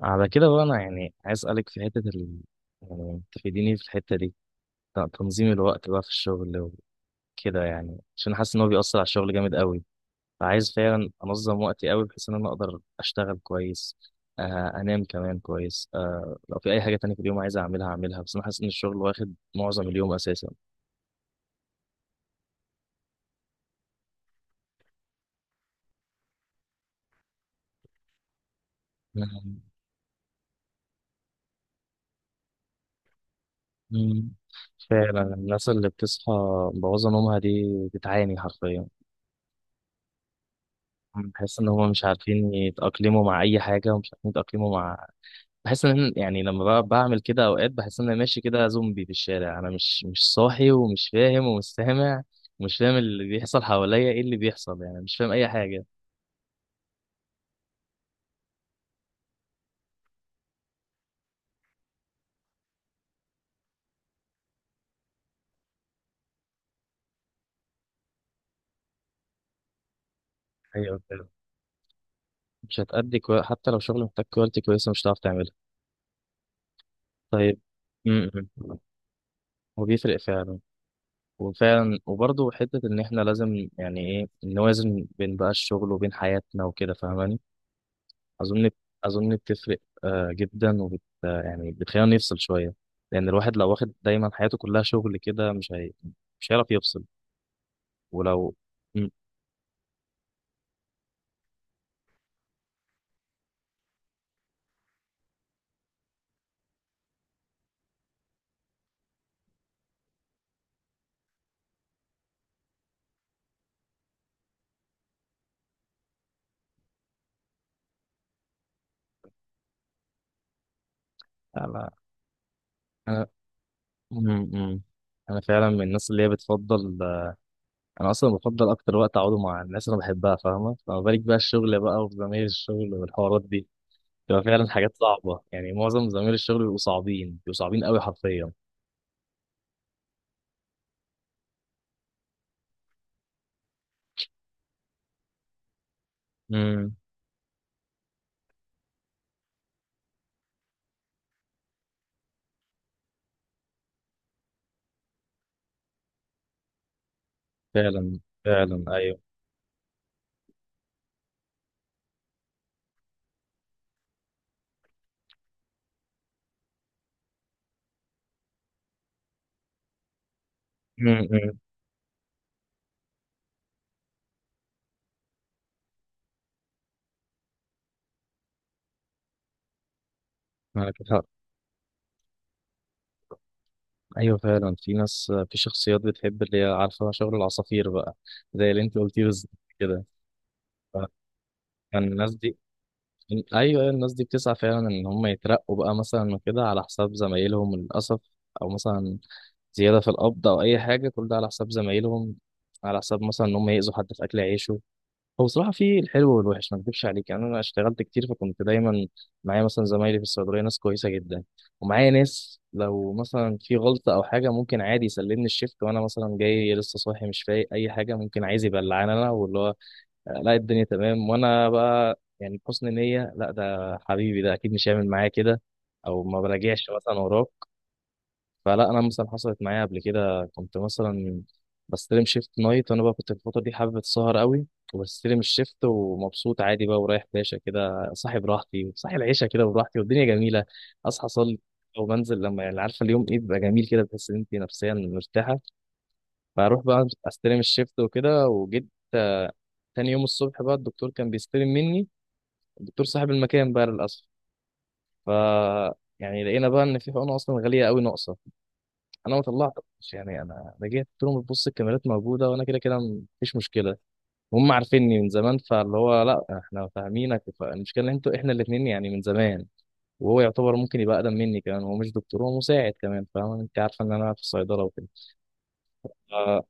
على كده بقى انا يعني عايز اسالك في حته ال... يعني تفيديني في الحته دي. تنظيم الوقت بقى في الشغل وكده، يعني عشان حاسس ان هو بيأثر على الشغل جامد قوي. فعايز فعلا انظم وقتي قوي، بحيث ان انا اقدر اشتغل كويس. آه، انام كمان كويس، آه لو في اي حاجه تانية في اليوم عايز اعملها اعملها. بس انا حاسس ان الشغل واخد معظم اليوم اساسا. مم. مم. فعلا الناس اللي بتصحى مبوظه نومها دي بتعاني حرفيا. بحس ان هم مش عارفين يتأقلموا مع اي حاجه، ومش عارفين يتأقلموا مع، بحس ان يعني لما بعمل كده اوقات بحس ان انا ماشي كده زومبي في الشارع. انا مش صاحي، ومش فاهم، ومش سامع، ومش فاهم اللي بيحصل حواليا، ايه اللي بيحصل؟ يعني مش فاهم اي حاجه. ايوه فاهم. مش هتأدي كوي... حتى لو شغل محتاج كواليتي كويسه مش هتعرف تعملها. طيب. امم. وبيفرق فعلا. وفعلا وبرضه حته ان احنا لازم يعني ايه نوازن بين بقى الشغل وبين حياتنا وكده، فاهماني؟ اظن، اظن بتفرق. آه، جدا. وبت آه، يعني بتخلينا نفصل شويه. لان الواحد لو واخد دايما حياته كلها شغل كده مش هي... مش هيعرف يفصل. ولو. مم. انا انا مم، مم. انا فعلا من الناس اللي هي بتفضل، آه، انا اصلا بفضل اكتر وقت اقعده مع الناس اللي انا بحبها، فاهمه؟ فما بالك بقى الشغل بقى وزمايل الشغل والحوارات دي، بتبقى فعلا حاجات صعبه. يعني معظم زمايل الشغل بيبقوا صعبين، بيبقوا صعبين قوي حرفيا. امم. فعلا فعلا ايوه. امم. معاك. ايوه فعلا، في ناس، في شخصيات بتحب اللي هي عارفه شغل العصافير بقى، زي اللي انت قلتيه بالظبط كده. فكان الناس دي، ايوه أيوة، الناس دي بتسعى فعلا ان هم يترقوا بقى مثلا وكده على حساب زمايلهم للاسف. او مثلا زياده في القبض او اي حاجه، كل ده على حساب زمايلهم. على حساب مثلا ان هم يأذوا حد في اكل عيشه. هو بصراحة في الحلو والوحش، ما اكدبش عليك، يعني أنا اشتغلت كتير فكنت دايما معايا مثلا زمايلي في الصيدلية ناس كويسة جدا. ومعايا ناس لو مثلا في غلطة أو حاجة ممكن عادي يسلمني الشيفت وأنا مثلا جاي لسه صاحي مش فايق أي حاجة ممكن عايز يبلعني أنا واللي هو، آه، لا الدنيا تمام، وأنا بقى يعني بحسن نية لا ده حبيبي ده أكيد مش هيعمل معايا كده. أو ما براجعش مثلا وراك. فلا، انا مثلا حصلت معايا قبل كده، كنت مثلا بستلم شيفت نايت، وانا بقى كنت في الفتره دي حابب السهر قوي. وبستلم الشيفت ومبسوط عادي بقى، ورايح باشا كده صاحي براحتي، صاحي العيشه كده براحتي، والدنيا جميله. اصحى اصلي، وبنزل، لما يعني عارفه اليوم ايه بيبقى جميل كده، بتحس ان انت نفسيا مرتاحه. فاروح بقى استلم الشيفت وكده، وجيت، آه، تاني يوم الصبح بقى الدكتور كان بيستلم مني، الدكتور صاحب المكان بقى للاسف. ف، يعني لقينا بقى ان في حقنه اصلا غاليه قوي ناقصه. انا ما طلعتش. يعني انا جيت قلت لهم بص الكاميرات موجوده، وانا كده كده مفيش مشكله، هم عارفيني من زمان. فاللي هو لا احنا فاهمينك، فالمشكله ان انتوا، احنا الاثنين يعني من زمان. وهو يعتبر ممكن يبقى اقدم مني كمان، هو مش دكتور هو مساعد كمان، فاهم انت عارفه ان انا في الصيدله وكده. ف-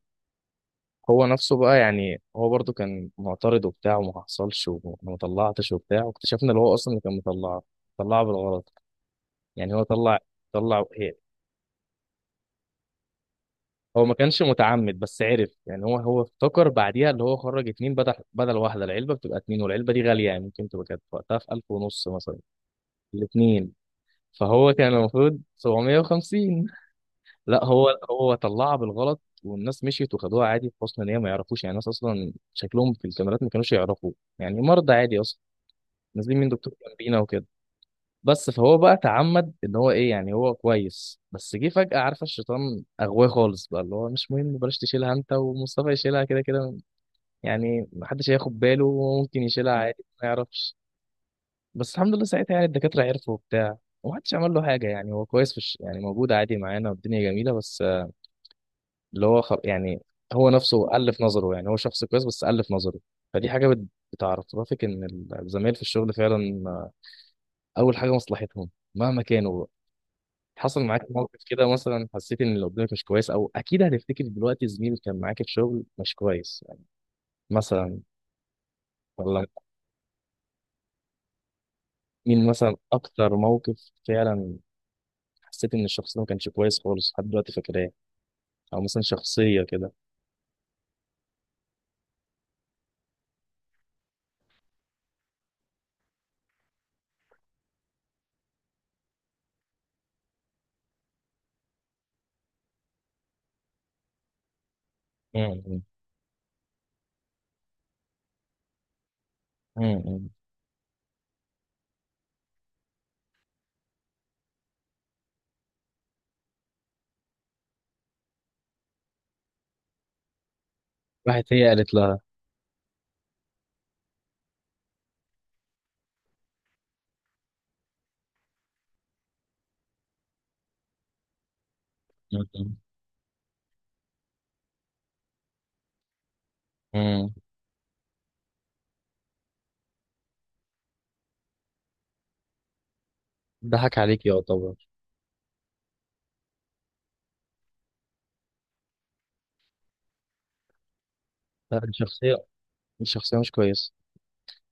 هو نفسه بقى، يعني هو برضو كان معترض وبتاع، وما حصلش وما ما طلعتش وبتاع، واكتشفنا اللي هو اصلا اللي كان مطلعه طلعه بالغلط. يعني هو طلع، طلع، هو ما كانش متعمد، بس عرف، يعني هو افتكر بعديها اللي هو خرج اتنين بدل واحدة، العلبة بتبقى اتنين والعلبة دي غالية، يعني ممكن تبقى كانت وقتها في ألف ونص مثلا الاتنين. فهو كان المفروض 750. لا هو، هو طلعها بالغلط والناس مشيت وخدوها عادي بحسن نية، ما يعرفوش، يعني الناس أصلا شكلهم في الكاميرات ما كانوش يعرفوا، يعني مرضى عادي أصلا نازلين من دكتور جنبينا وكده. بس فهو بقى تعمد، ان هو ايه، يعني هو كويس بس جه فجأة، عارفه الشيطان اغواه خالص بقى، اللي هو مش مهم بلاش تشيلها انت ومصطفى يشيلها كده كده، يعني محدش هياخد باله وممكن يشيلها عادي ما يعرفش. بس الحمد لله ساعتها يعني الدكاترة عرفوا وبتاع، ومحدش عمل له حاجة، يعني هو كويس في الش... يعني موجود عادي معانا والدنيا جميلة. بس آه، اللي هو خل... يعني هو نفسه ألف نظره، يعني هو شخص كويس بس ألف نظره. فدي حاجة بت... بتعرفك ان الزمايل في الشغل فعلا، آه، اول حاجة مصلحتهم مهما كانوا. حصل معاك موقف كده مثلا، حسيت ان اللي قدامك مش كويس؟ او اكيد هتفتكر دلوقتي زميل كان معاك في الشغل مش كويس مثلا، ولا؟ مين مثلا اكتر موقف فعلا حسيت ان الشخص ده ما كانش كويس خالص لحد دلوقتي فاكراه؟ او مثلا شخصيه كده. مم. مم. راحت هي قالت لها؟ مم. مم. ضحك عليك يعتبر. لا دي شخصيه، دي شخصيه مش كويسه.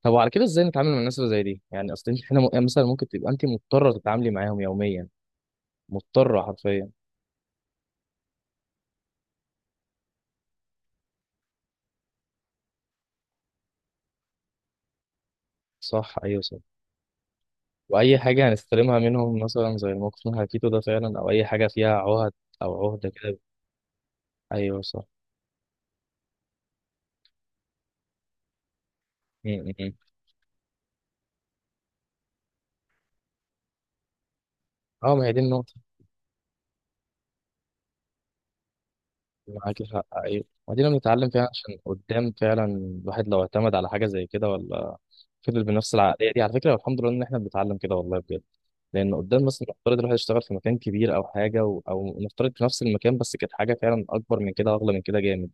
طب وعلى كده ازاي نتعامل مع الناس اللي زي دي؟ يعني اصل انت هنا م- يعني مثلا ممكن تبقى انت مضطره تتعاملي معاهم يوميا، مضطره حرفيا. صح ايوه. واي حاجه هنستلمها منهم مثلا زي الموقف من حكيته ده فعلا، او اي حاجه فيها عهد او عهده كده. ايوه صح. م. اه ما هي دي النقطه. معاك حق ايوه، ودينا بنتعلم فيها عشان قدام فعلا الواحد لو اعتمد على حاجه زي كده ولا فضل بنفس العقليه دي. على فكره، والحمد لله ان احنا بنتعلم كده والله بجد. لان قدام مثلا نفترض الواحد يشتغل في مكان كبير او حاجه و... او نفترض في نفس المكان بس كانت حاجه فعلا اكبر من كده، اغلى من كده جامد،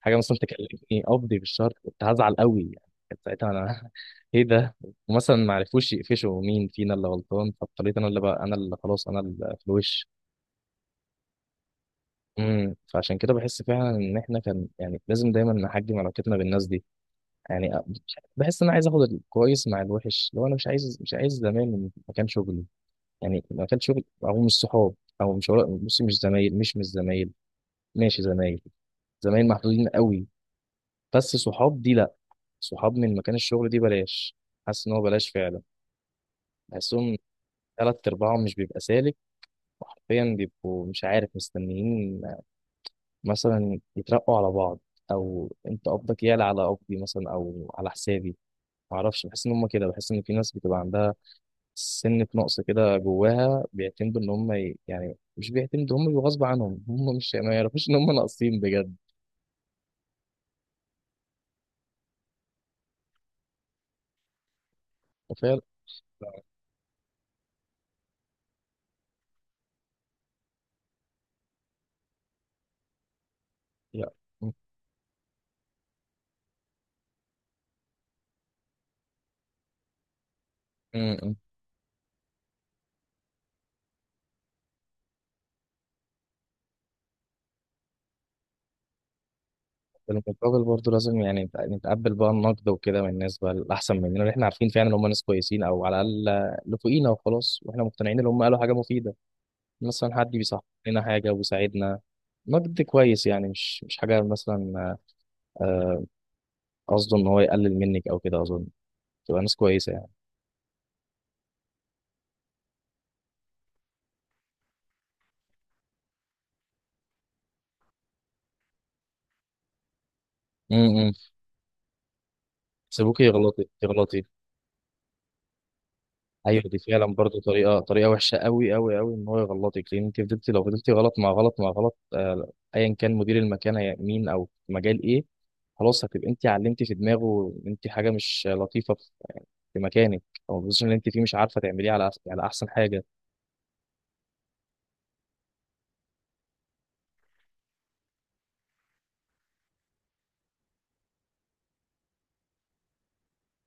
حاجه مثلا تكلفني قبضي بالشهر، كنت هزعل قوي يعني. كانت ساعتها انا ايه ده. ومثلا ما عرفوش يقفشوا مين فينا اللي غلطان، فاضطريت انا اللي بقى، انا اللي خلاص انا اللي في الوش. امم. فعشان كده بحس فعلا ان احنا كان يعني لازم دايما نحجم علاقتنا بالناس دي. يعني مش- بحس ان انا عايز اخد الكويس مع الوحش. لو انا مش عايز، مش عايز زمايل من مكان شغلي، يعني مكان شغلي، او مش صحاب، او مش، بص مش زمايل، مش زمايل، ماشي زمايل، زمايل محدودين قوي. بس صحاب دي لا، صحاب من مكان الشغل دي بلاش. حاسس ان هو بلاش فعلا. بحسهم تلات ارباعهم مش بيبقى سالك، وحرفيا بيبقوا مش عارف مستنيين مثلا يترقوا على بعض، او انت قبضك يعلى على قبضي مثلا او على حسابي. معرفش، بحس ان هم كده، بحس ان في ناس بتبقى عندها سنة نقص كده جواها، بيعتمدوا ان هم يعني مش بيعتمدوا، هم بيبقوا غصب عنهم، هم مش ما يعرفوش ان هم ناقصين بجد. فعلا. لا. بالمقابل برضه لازم يعني نتقبل بقى النقد وكده من الناس بقى الأحسن مننا، اللي احنا عارفين فعلا ان هم ناس كويسين، أو على الأقل اللي فوقينا وخلاص، واحنا مقتنعين ان هم قالوا حاجة مفيدة. مثلا حد بيصحح لنا حاجة وبيساعدنا، نقد كويس يعني، مش مش حاجة مثلا، آه، قصده ان هو يقلل منك أو كده أظن. تبقى ناس كويسة يعني. امم. سيبوكي يغلطي، تغلطي. ايوه دي فعلا برضه طريقه، طريقه وحشه قوي قوي قوي ان هو يغلطك. لان انت فضلتي، لو فضلتي غلط مع غلط مع غلط، آه، ايا كان مدير المكان هي- مين، او في مجال ايه، خلاص هتبقى انت علمتي في دماغه ان انت حاجه مش لطيفه في في مكانك، او البوزيشن اللي انت فيه مش عارفه تعمليه على أحس- على احسن حاجه.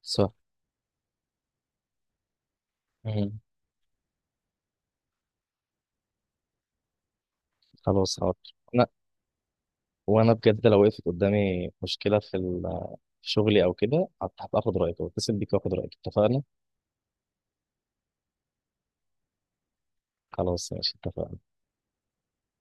صح. مم. خلاص حاضر. انا، وانا بجد لو وقفت قدامي مشكله في ال- في شغلي او كده هبقى اخد رايك واتصل بيك واخد رايك، اتفقنا. خلاص ماشي اتفقنا.